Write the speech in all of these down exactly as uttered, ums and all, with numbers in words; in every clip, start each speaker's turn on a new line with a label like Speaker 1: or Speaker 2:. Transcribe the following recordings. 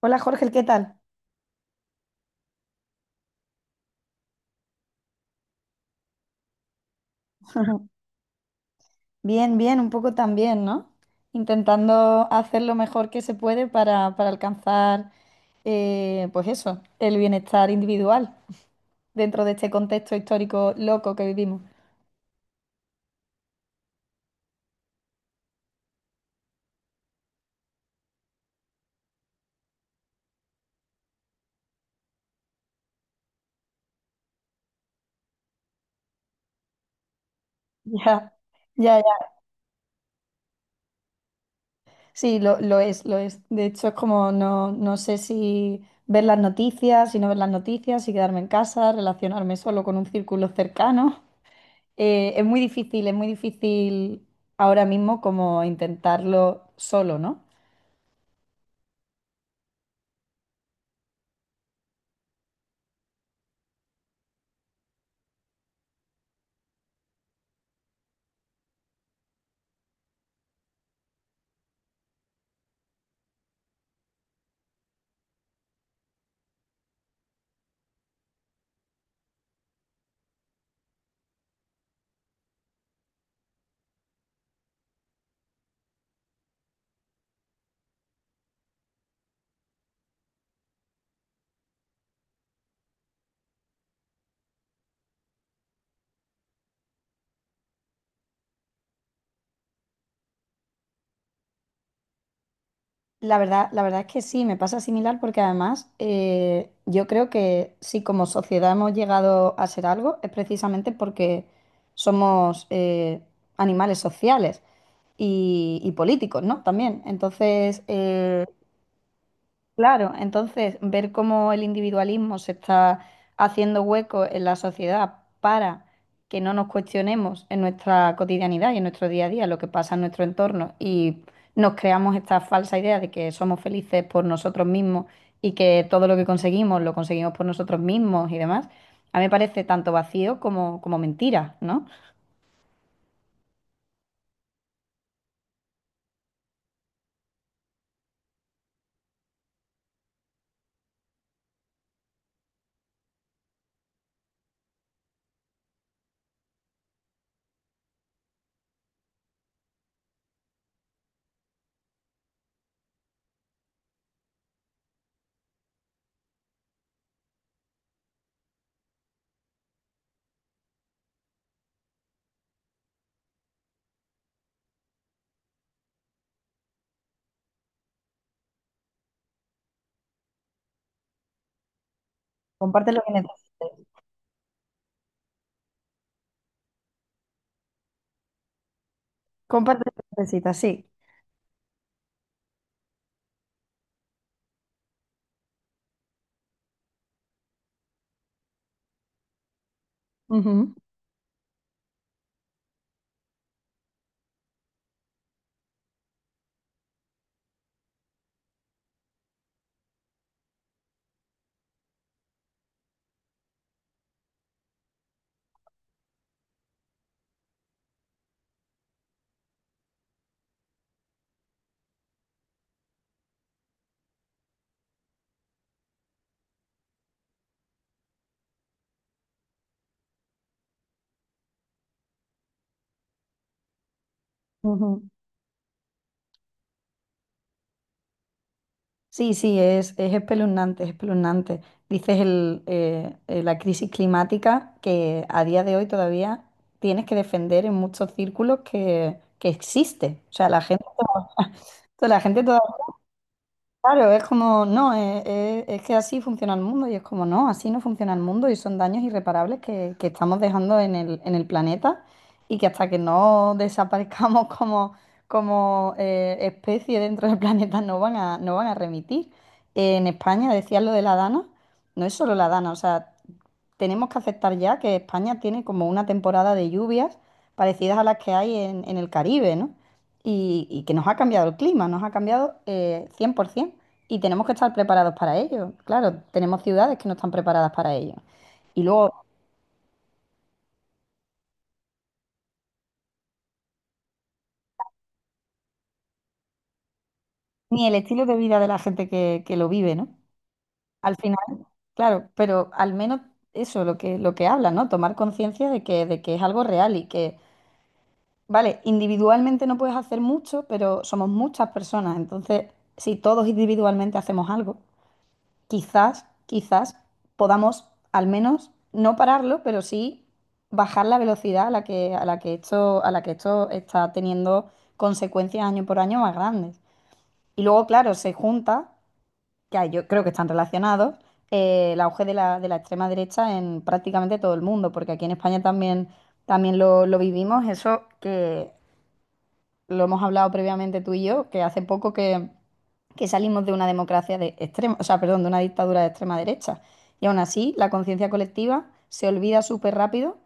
Speaker 1: Hola Jorge, ¿qué tal? Bien, bien, un poco también, ¿no? Intentando hacer lo mejor que se puede para, para alcanzar, eh, pues eso, el bienestar individual dentro de este contexto histórico loco que vivimos. Ya, ya, ya. Sí, lo, lo es, lo es. De hecho, es como no, no sé si ver las noticias, si no ver las noticias, si quedarme en casa, relacionarme solo con un círculo cercano. Eh, es muy difícil, es muy difícil ahora mismo como intentarlo solo, ¿no? La verdad, la verdad es que sí, me pasa similar porque además eh, yo creo que si como sociedad hemos llegado a ser algo es precisamente porque somos eh, animales sociales y, y políticos, ¿no? También. Entonces, eh, Claro, entonces ver cómo el individualismo se está haciendo hueco en la sociedad para que no nos cuestionemos en nuestra cotidianidad y en nuestro día a día lo que pasa en nuestro entorno y nos creamos esta falsa idea de que somos felices por nosotros mismos y que todo lo que conseguimos lo conseguimos por nosotros mismos y demás, a mí me parece tanto vacío como, como mentira, ¿no? Comparte lo que necesites. Comparte lo que necesitas, sí. Ujú, ujú. Sí, sí, es, es espeluznante, es espeluznante. Dices el, eh, eh, la crisis climática que a día de hoy todavía tienes que defender en muchos círculos que, que existe. O sea, la gente, la gente todavía... Claro, es como, no, es, es- es que así funciona el mundo y es como, no, así no funciona el mundo y son daños irreparables que, que estamos dejando en el, en el planeta y que hasta que no desaparezcamos como, como eh, especie dentro del planeta no van a, no van a remitir. En España, decías lo de la Dana, no es solo la Dana, o sea, tenemos que aceptar ya que España tiene como una temporada de lluvias parecidas a las que hay en, en el Caribe, ¿no? y, y que nos ha cambiado el clima, nos ha cambiado eh, cien por ciento y tenemos que estar preparados para ello. Claro, tenemos ciudades que no están preparadas para ello. Y luego, ni el estilo de vida de la gente que, que lo vive, ¿no? Al final, claro, pero al menos eso, lo que, lo que habla, ¿no? Tomar conciencia de que, de que es algo real y que, vale, individualmente no puedes hacer mucho, pero somos muchas personas, entonces, si todos individualmente hacemos algo. Quizás, quizás podamos al menos no pararlo, pero sí bajar la velocidad a la que, a la que esto, a la que esto está teniendo consecuencias año por año más grandes. Y luego, claro, se junta, que yo creo que están relacionados, eh, el auge de la, de la extrema derecha en prácticamente todo el mundo, porque aquí en España también, también lo, lo vivimos, eso que lo hemos hablado previamente tú y yo, que hace poco que, que salimos de una democracia de extrema, o sea, perdón, de una dictadura de extrema derecha. Y aún así, la conciencia colectiva se olvida súper rápido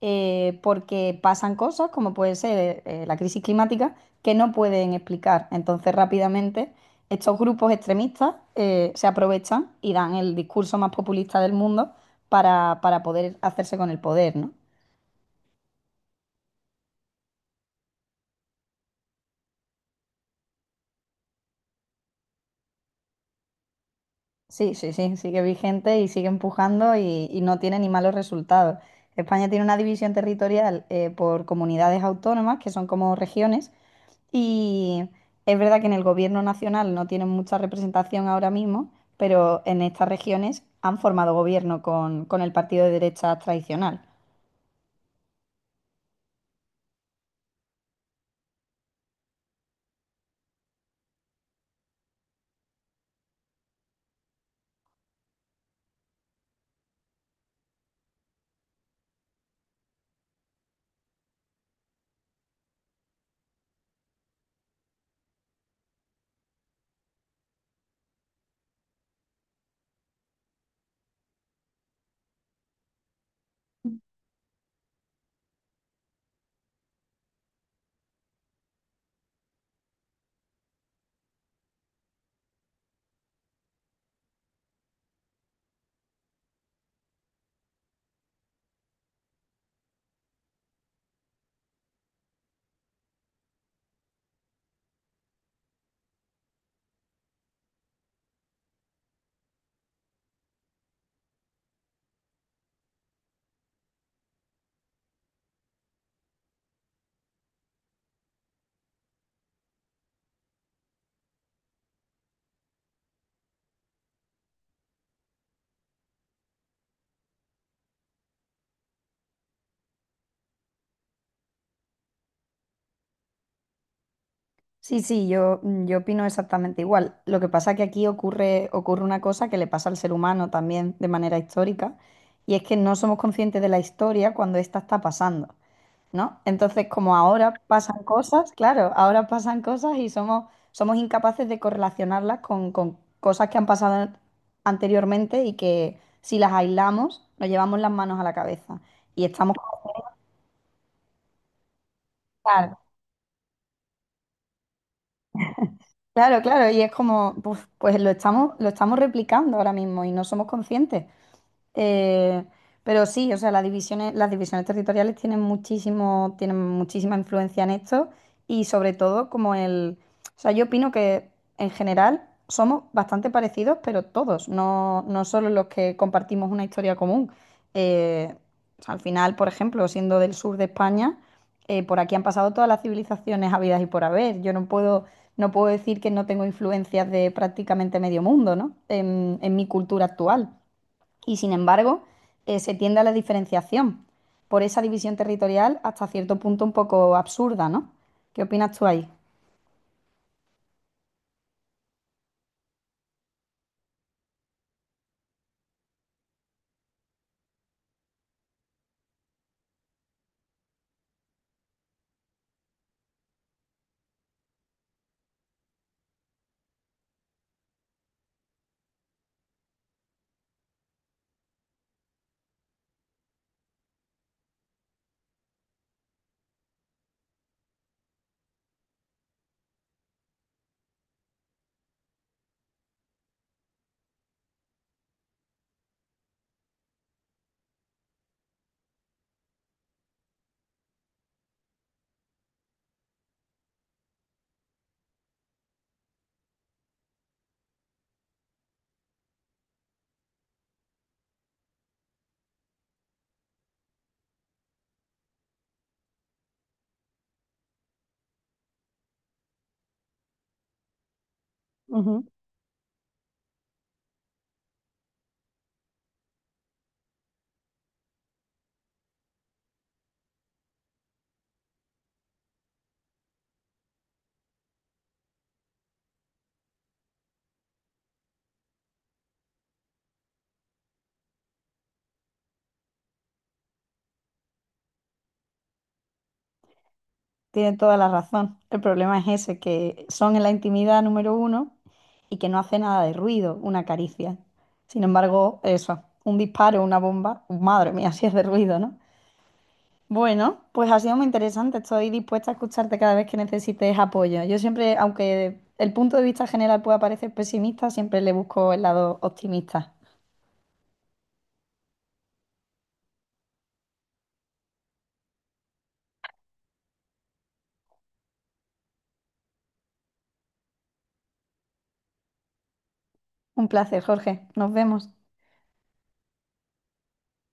Speaker 1: eh, porque pasan cosas, como puede ser eh, la crisis climática, que no pueden explicar. Entonces, rápidamente, estos grupos extremistas eh, se aprovechan y dan el discurso más populista del mundo para, para poder hacerse con el poder, ¿no? Sí, sí, sí, sigue vigente y sigue empujando y, y no tiene ni malos resultados. España tiene una división territorial eh, por comunidades autónomas, que son como regiones, y es verdad que en el gobierno nacional no tienen mucha representación ahora mismo, pero en estas regiones han formado gobierno con, con el partido de derecha tradicional. Sí, sí, yo, mm, yo opino exactamente igual. Lo que pasa es que aquí ocurre, ocurre una cosa que le pasa al ser humano también de manera histórica, y es que no somos conscientes de la historia cuando esta está pasando, ¿no? Entonces, como ahora pasan cosas, claro, ahora pasan cosas y somos, somos incapaces de correlacionarlas con, con cosas que han pasado anteriormente y que si las aislamos, nos llevamos las manos a la cabeza. Y estamos claro, claro, y es como, pues, pues lo estamos, lo estamos replicando ahora mismo y no somos conscientes. Eh, pero sí, o sea, las divisiones, las divisiones territoriales tienen muchísimo, tienen muchísima influencia en esto y sobre todo como el, o sea, yo opino que en general somos bastante parecidos, pero todos, no, no solo los que compartimos una historia común. Eh, o sea, al final, por ejemplo, siendo del sur de España, eh, por aquí han pasado todas las civilizaciones habidas y por haber. Yo no puedo, no puedo decir que no tengo influencias de prácticamente medio mundo, ¿no? en en mi cultura actual y sin embargo eh, se tiende a la diferenciación por esa división territorial hasta cierto punto un poco absurda, ¿no? ¿Qué opinas tú ahí? Ujú. Tienes toda la razón. El problema es ese, que son en la intimidad número uno y que no hace nada de ruido una caricia. Sin embargo, eso, un disparo, una bomba, madre mía, si es de ruido, ¿no? Bueno, pues ha sido muy interesante. Estoy dispuesta a escucharte cada vez que necesites apoyo. Yo siempre, aunque el punto de vista general pueda parecer pesimista, siempre le busco el lado optimista. Un placer, Jorge. Nos vemos.